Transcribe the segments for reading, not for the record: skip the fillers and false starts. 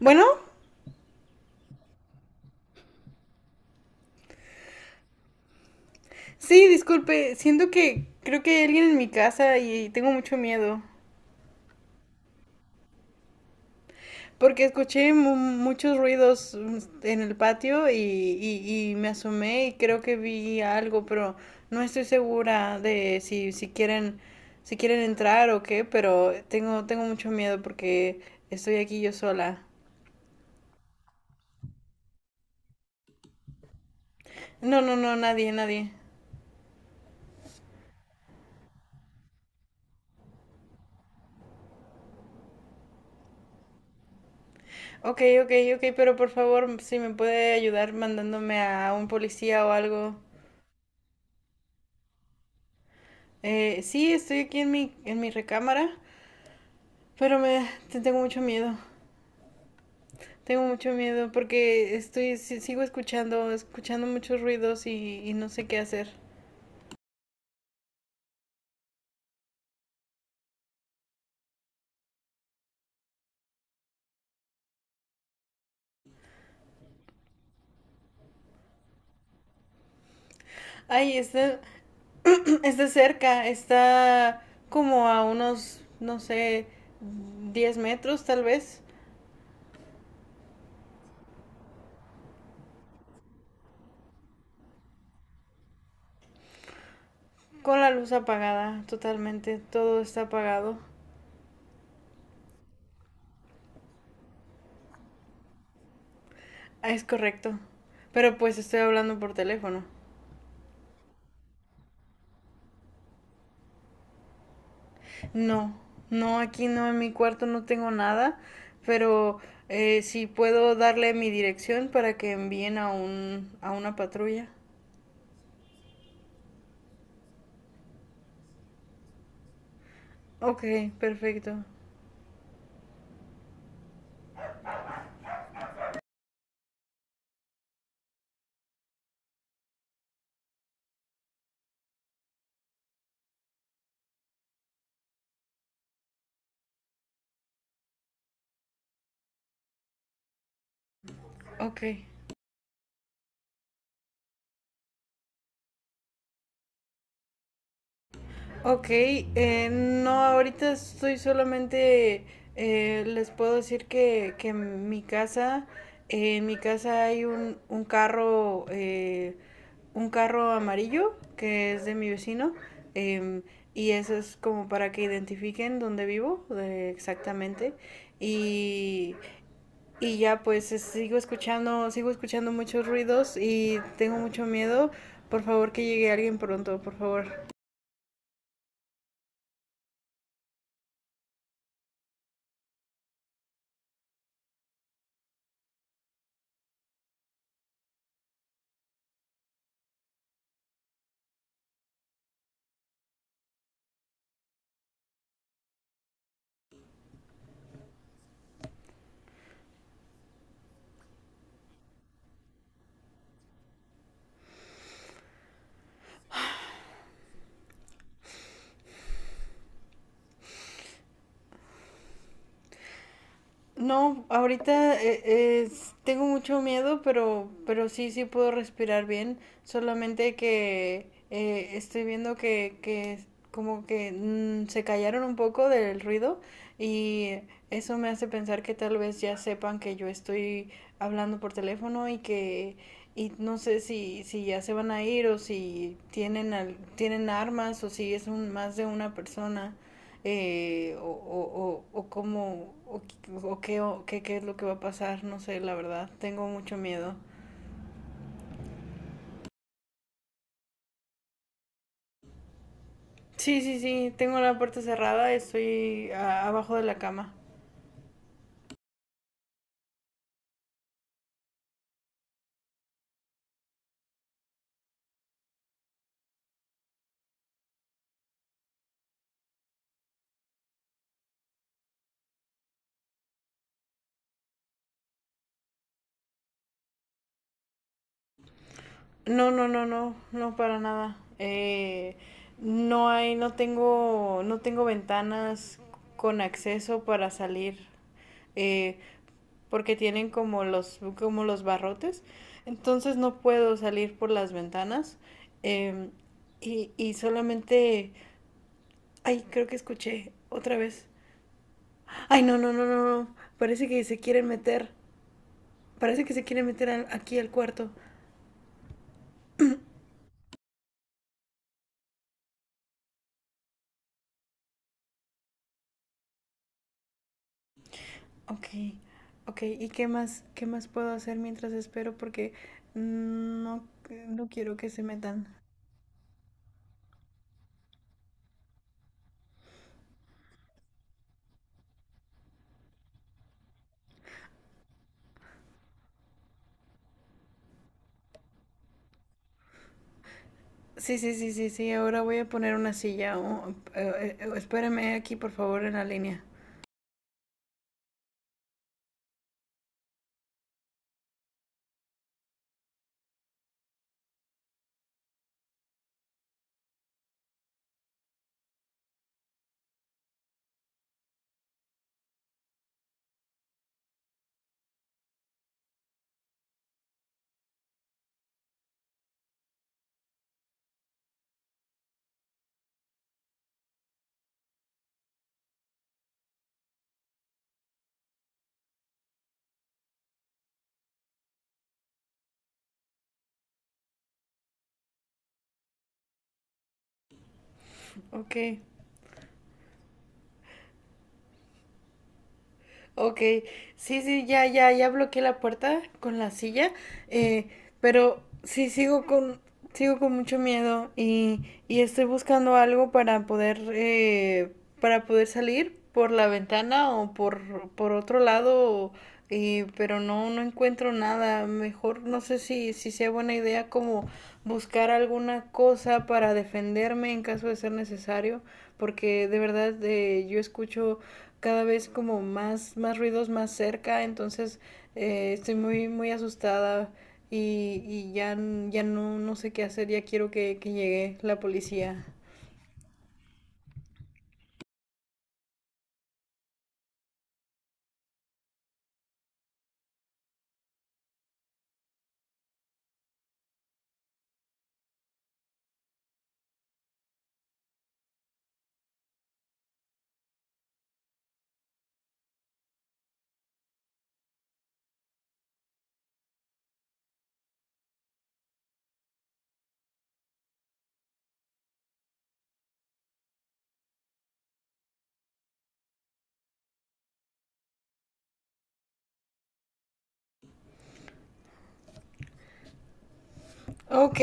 Bueno, sí, disculpe, siento que creo que hay alguien en mi casa y tengo mucho miedo. Porque escuché muchos ruidos en el patio y me asomé y creo que vi algo, pero no estoy segura de si quieren entrar o qué, pero tengo mucho miedo porque estoy aquí yo sola. No, no, no, nadie, nadie. Ok, ok, ok, pero por favor, si me puede ayudar mandándome a un policía o algo. Sí, estoy aquí en mi recámara, pero tengo mucho miedo. Tengo mucho miedo porque estoy si- sigo escuchando muchos ruidos y no sé qué hacer. Ay, está, está cerca, está como a unos, no sé, 10 metros tal vez, con la luz apagada totalmente, todo está apagado. Ah, es correcto, pero pues estoy hablando por teléfono. No, no, aquí no, en mi cuarto no tengo nada, pero sí puedo darle mi dirección para que envíen a a una patrulla. Ok, perfecto. Ok. Ok, no, ahorita estoy solamente, les puedo decir que en mi casa hay un carro amarillo que es de mi vecino, em, y eso es como para que identifiquen dónde vivo, exactamente, y, sigo sigo escuchando muchos ruidos y tengo mucho miedo, por favor que llegue alguien pronto, por favor. No, ahorita tengo mucho miedo, pero sí, sí puedo respirar bien. Solamente que estoy viendo que como que se callaron un poco del ruido y eso me hace pensar que tal vez ya sepan que yo estoy hablando por teléfono y que y no sé si ya se van a ir o si tienen armas o si es un más de una persona o cómo o, o qué es lo que va a pasar, no sé, la verdad, tengo mucho miedo. Sí, sí, sí, tengo la puerta cerrada, abajo de la cama. No, no, no, no, no para nada. No hay, no tengo ventanas con acceso para salir, eh, porque tienen como como los barrotes. Entonces no puedo salir por las ventanas. em, y solamente, ay, creo que escuché otra vez. Ay, no, no, no, no, no. Parece que se quieren meter. Parece que se quieren aquí al cuarto. Ok, ok, ¿y qué más puedo hacer mientras espero? Porque no, no quiero que se metan. Sí, sí, sí, sí, sí, ahora voy a poner una silla. Espérame aquí, por favor, en la línea. Ok, Ok, sí, sí, ya, ya, ya bloqueé la puerta con la silla, eh, pero sigo con mucho miedo y estoy buscando algo para para poder salir por la ventana por otro lado, y, pero no, no encuentro nada. Mejor no sé si sea buena idea como buscar alguna cosa para defenderme en caso de ser necesario, porque de verdad yo escucho cada vez como más ruidos más cerca, entonces estoy muy asustada y ya, ya no, no sé qué hacer, ya quiero que llegue la policía. Ok,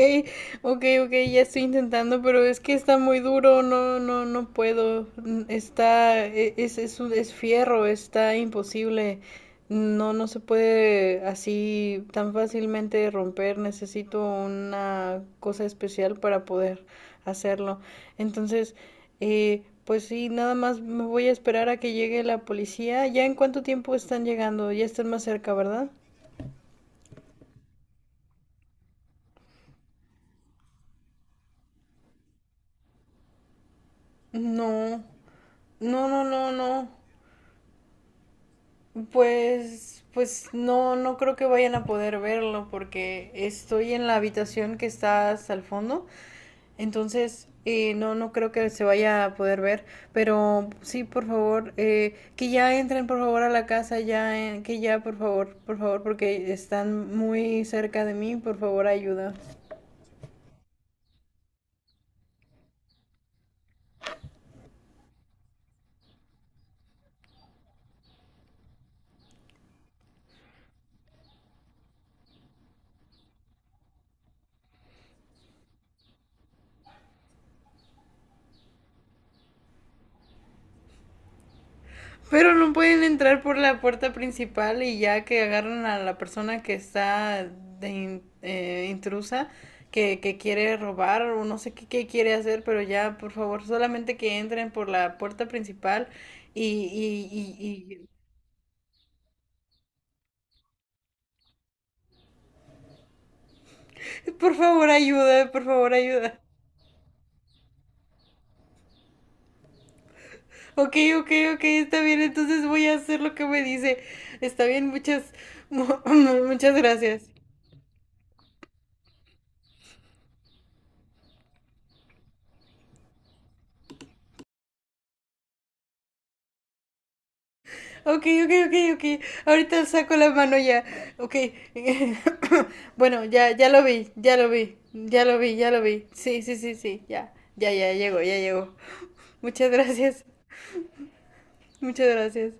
ok, ok, ya estoy intentando, pero es que está muy duro, no, no, no puedo. Está, es fierro, está imposible. No, no se puede así tan fácilmente romper. Necesito una cosa especial para poder hacerlo. Entonces, pues sí, nada más me voy a esperar a que llegue la policía. ¿Ya en cuánto tiempo están llegando? Ya están más cerca, ¿verdad? No, no, no, no, no. Pues, pues no, no creo que vayan a poder verlo porque estoy en la habitación que está hasta el fondo, entonces no, no creo que se vaya a poder ver, pero sí, por favor, que ya entren por favor a la casa, que ya, por favor, porque están muy cerca de mí, por favor, ayuda. Pero no pueden entrar por la puerta principal y ya que agarran a la persona que está de in- intrusa, que quiere robar o no sé qué, qué quiere hacer, pero ya, por favor, solamente que entren por la puerta principal y, y, y, por favor, ayuda, por favor, ayuda. Ok, ok, ok, está bien, entonces voy a hacer lo que me dice. Está bien, mu- muchas gracias. Ok, ok, ok, ok. Ahorita saco la mano ya. Ok. Bueno, ya, ya lo vi, ya lo vi, ya lo vi, ya lo vi. Sí, sí, sí, sí, ya. Ya, ya, llegó, ya llegó. Muchas gracias, muchas gracias.